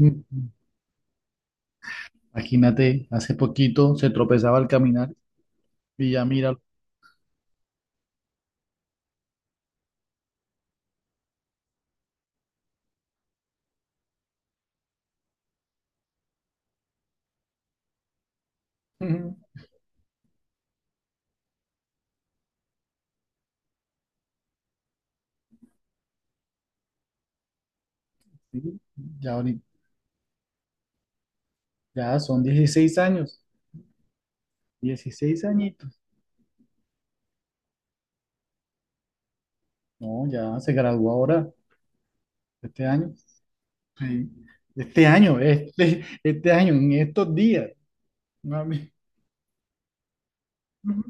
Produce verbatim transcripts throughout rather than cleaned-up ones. Mm. Imagínate, hace poquito se tropezaba al caminar y ya mira. Ujú. Sí, ya, ahorita- ya son dieciséis años, dieciséis añitos. No, ya se graduó ahora, este año. Sí, este año, este, este año, en estos días. Mami. Ujú.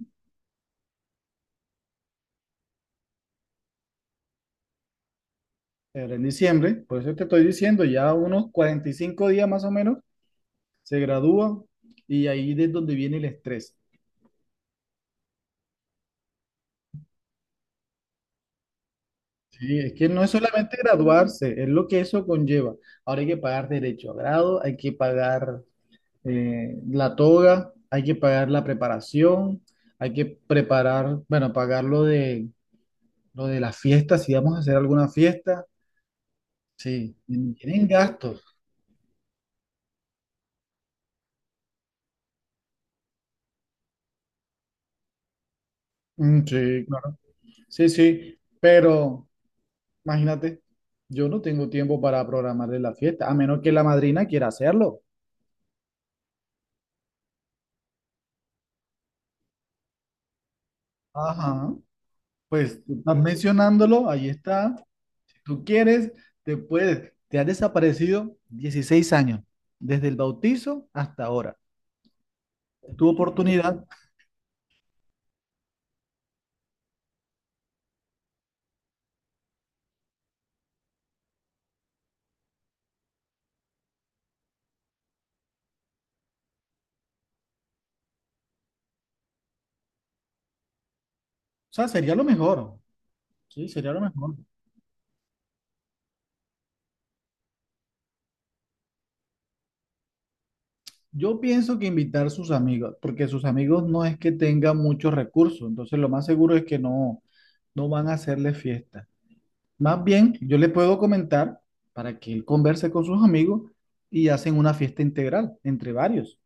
Era en diciembre, por eso te estoy diciendo, ya unos cuarenta y cinco días más o menos se gradúa y ahí es donde viene el estrés. Sí, es que no es solamente graduarse, es lo que eso conlleva. Ahora hay que pagar derecho a grado, hay que pagar eh, la toga, hay que pagar la preparación, hay que preparar, bueno, pagar lo de, lo de las fiestas, si vamos a hacer alguna fiesta. Sí, tienen gastos. Mm, sí, claro. Sí, sí, pero imagínate, yo no tengo tiempo para programarle la fiesta, a menos que la madrina quiera hacerlo. Ajá, pues tú estás mencionándolo, ahí está. Tú quieres, te puedes. Te has desaparecido dieciséis años, desde el bautizo hasta ahora. Tu oportunidad, o sea, sería lo mejor. Sí, sería lo mejor. Yo pienso que invitar a sus amigos, porque sus amigos no es que tengan muchos recursos, entonces lo más seguro es que no, no van a hacerle fiesta. Más bien, yo le puedo comentar para que él converse con sus amigos y hacen una fiesta integral entre varios.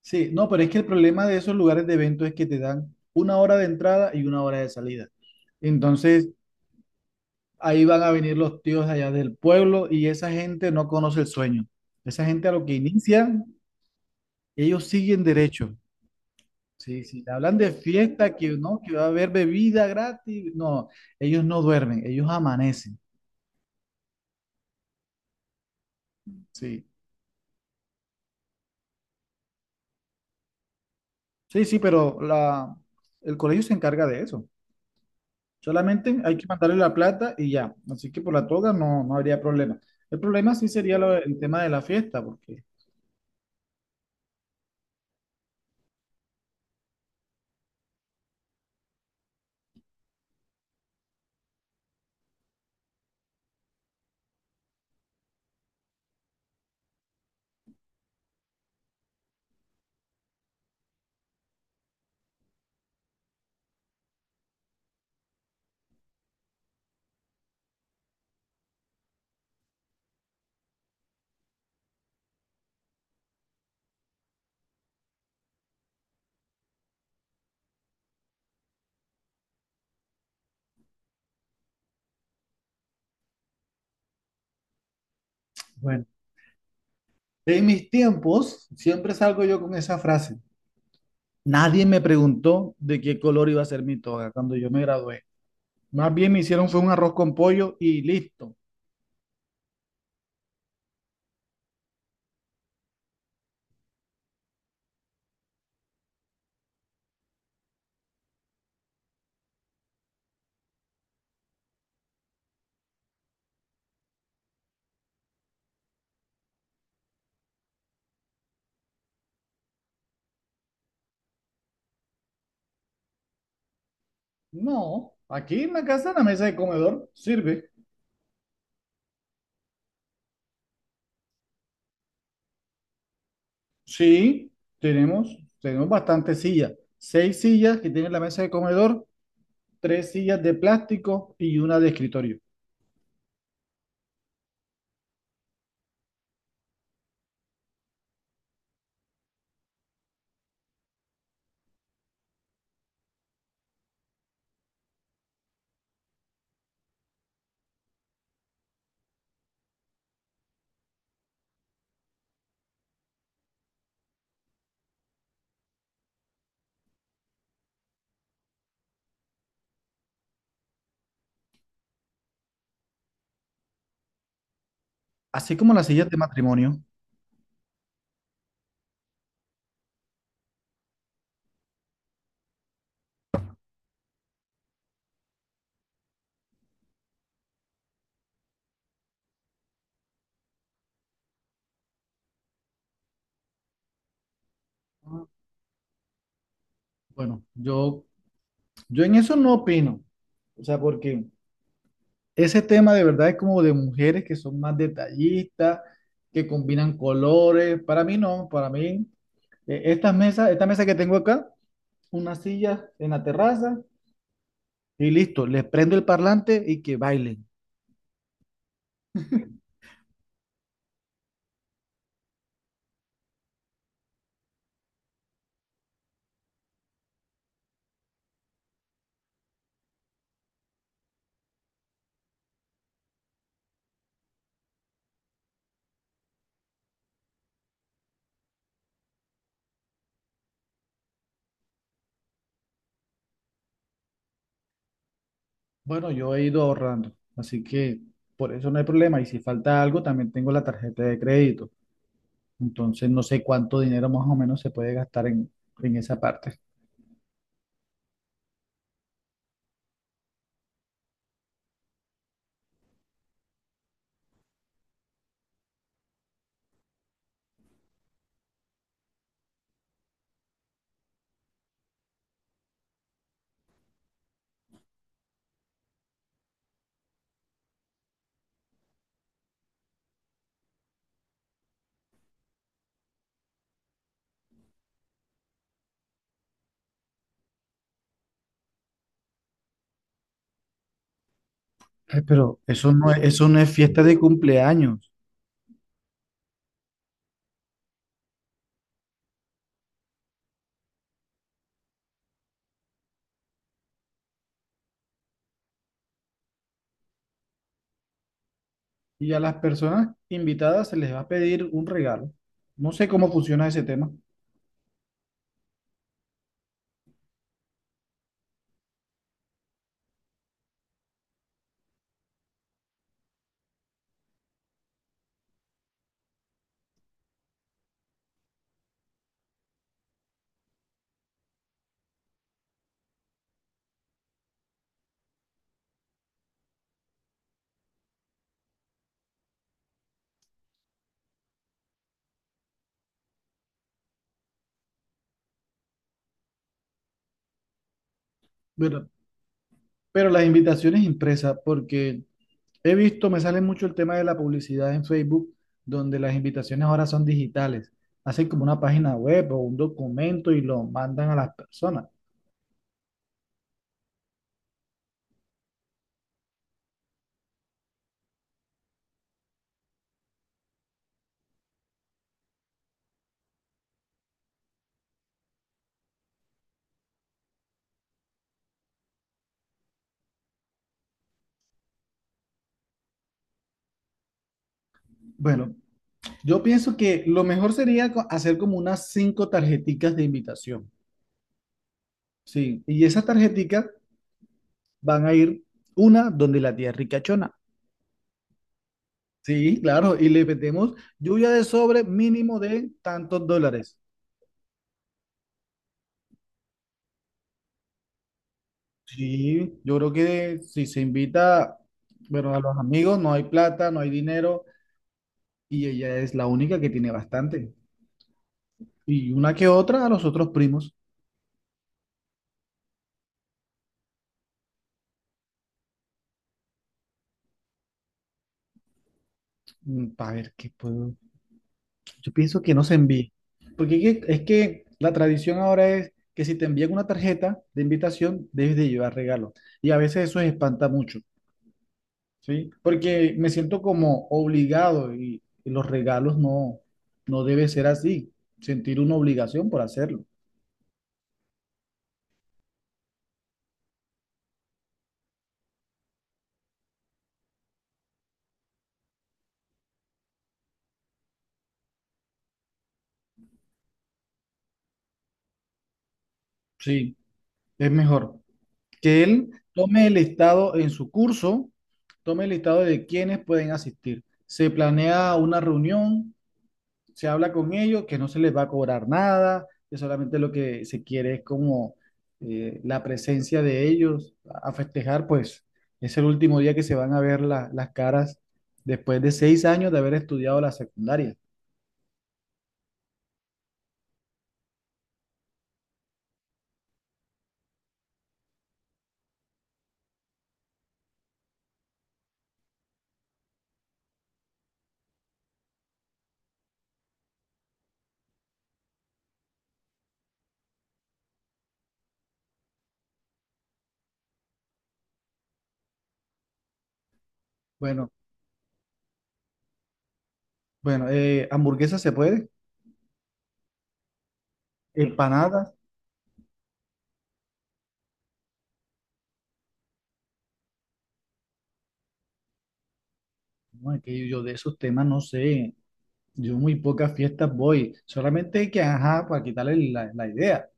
Sí, no, pero es que el problema de esos lugares de evento es que te dan una hora de entrada y una hora de salida. Entonces, ahí van a venir los tíos allá del pueblo y esa gente no conoce el sueño. Esa gente a lo que inician, ellos siguen derecho. Sí, sí, te hablan de fiesta, que no, que va a haber bebida gratis. No, ellos no duermen, ellos amanecen. Sí, sí, sí, pero la, el colegio se encarga de eso. Solamente hay que mandarle la plata y ya. Así que por la toga no, no habría problema. El problema sí sería lo- el tema de la fiesta, porque, bueno, en mis tiempos siempre salgo yo con esa frase. Nadie me preguntó de qué color iba a ser mi toga cuando yo me gradué. Más bien me hicieron fue un arroz con pollo y listo. No, aquí en la casa, en la mesa de comedor, sirve. Sí, tenemos, tenemos bastantes sillas. Seis sillas que tiene la mesa de comedor, tres sillas de plástico y una de escritorio. Así como las sillas de matrimonio. Bueno, yo, yo en eso no opino. O sea, porque ese tema de verdad es como de mujeres que son más detallistas, que combinan colores. Para mí no, para mí, eh, estas mesas, esta mesa que tengo acá, una silla en la terraza y listo, les prendo el parlante y que bailen. Bueno, yo he ido ahorrando, así que por eso no hay problema. Y si falta algo, también tengo la tarjeta de crédito. Entonces no sé cuánto dinero más o menos se puede gastar en, en esa parte. Ay, pero eso no es, eso no es fiesta de cumpleaños. Y a las personas invitadas se les va a pedir un regalo. No sé cómo funciona ese tema, pero, pero las invitaciones impresas, porque he visto, me sale mucho el tema de la publicidad en Facebook, donde las invitaciones ahora son digitales. Hacen como una página web o un documento y lo mandan a las personas. Bueno, yo pienso que lo mejor sería co- hacer como unas cinco tarjeticas de invitación. Sí, y esas tarjeticas van a ir una donde la tía ricachona. Sí, claro, y le metemos lluvia de sobre mínimo de tantos dólares. Sí, yo creo que si se invita, bueno, a los amigos no hay plata, no hay dinero, y ella es la única que tiene bastante. Y una que otra a los otros primos, para ver qué puedo. Yo pienso que no se envíe, porque es que, es que la tradición ahora es que si te envían una tarjeta de invitación, debes de llevar regalo. Y a veces eso espanta mucho, ¿sí? Porque me siento como obligado y, y los regalos no, no debe ser así, sentir una obligación por hacerlo. Sí, es mejor que él tome el listado en su curso, tome el listado de quienes pueden asistir. Se planea una reunión, se habla con ellos que no se les va a cobrar nada, que solamente lo que se quiere es como, eh, la presencia de ellos a festejar, pues es el último día que se van a ver la- las caras después de seis años de haber estudiado la secundaria. Bueno, bueno, eh, hamburguesas se puede, empanadas, no, es que yo de esos temas no sé, yo muy pocas fiestas voy, solamente que, ajá, para quitarle la, la idea.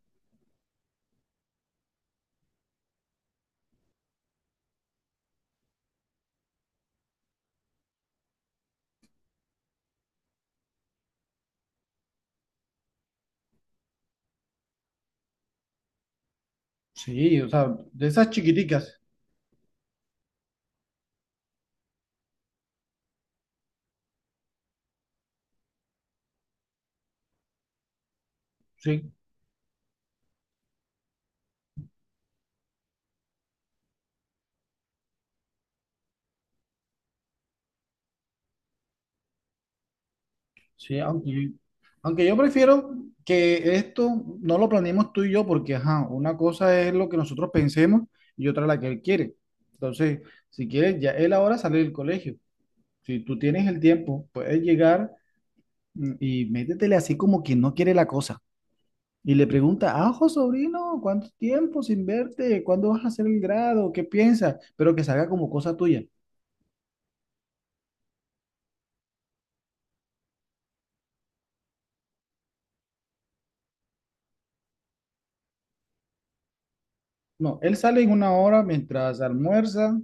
Sí, o sea, de esas chiquiticas, sí. Sí, aunque yo, aunque yo prefiero que esto no lo planeemos tú y yo, porque ajá, una cosa es lo que nosotros pensemos y otra la que él quiere. Entonces, si quieres, ya él ahora sale del colegio. Si tú tienes el tiempo, puedes llegar, mm, y métetele así como quien no quiere la cosa. Y le pregunta, ajo, sobrino, ¿cuánto tiempo sin verte? ¿Cuándo vas a hacer el grado? ¿Qué piensas? Pero que salga como cosa tuya. No, él sale en una hora mientras almuerza.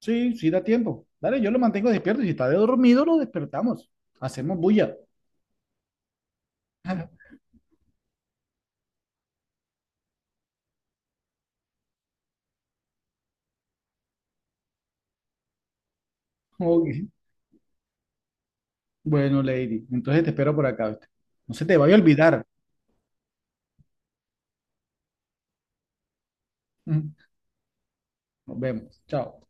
Sí, sí da tiempo. Dale, yo lo mantengo despierto. Y si está dormido, lo despertamos. Hacemos bulla. Ok. Bueno, Lady, entonces te espero por acá, ¿viste? No se te vaya a olvidar. Nos vemos. Chao.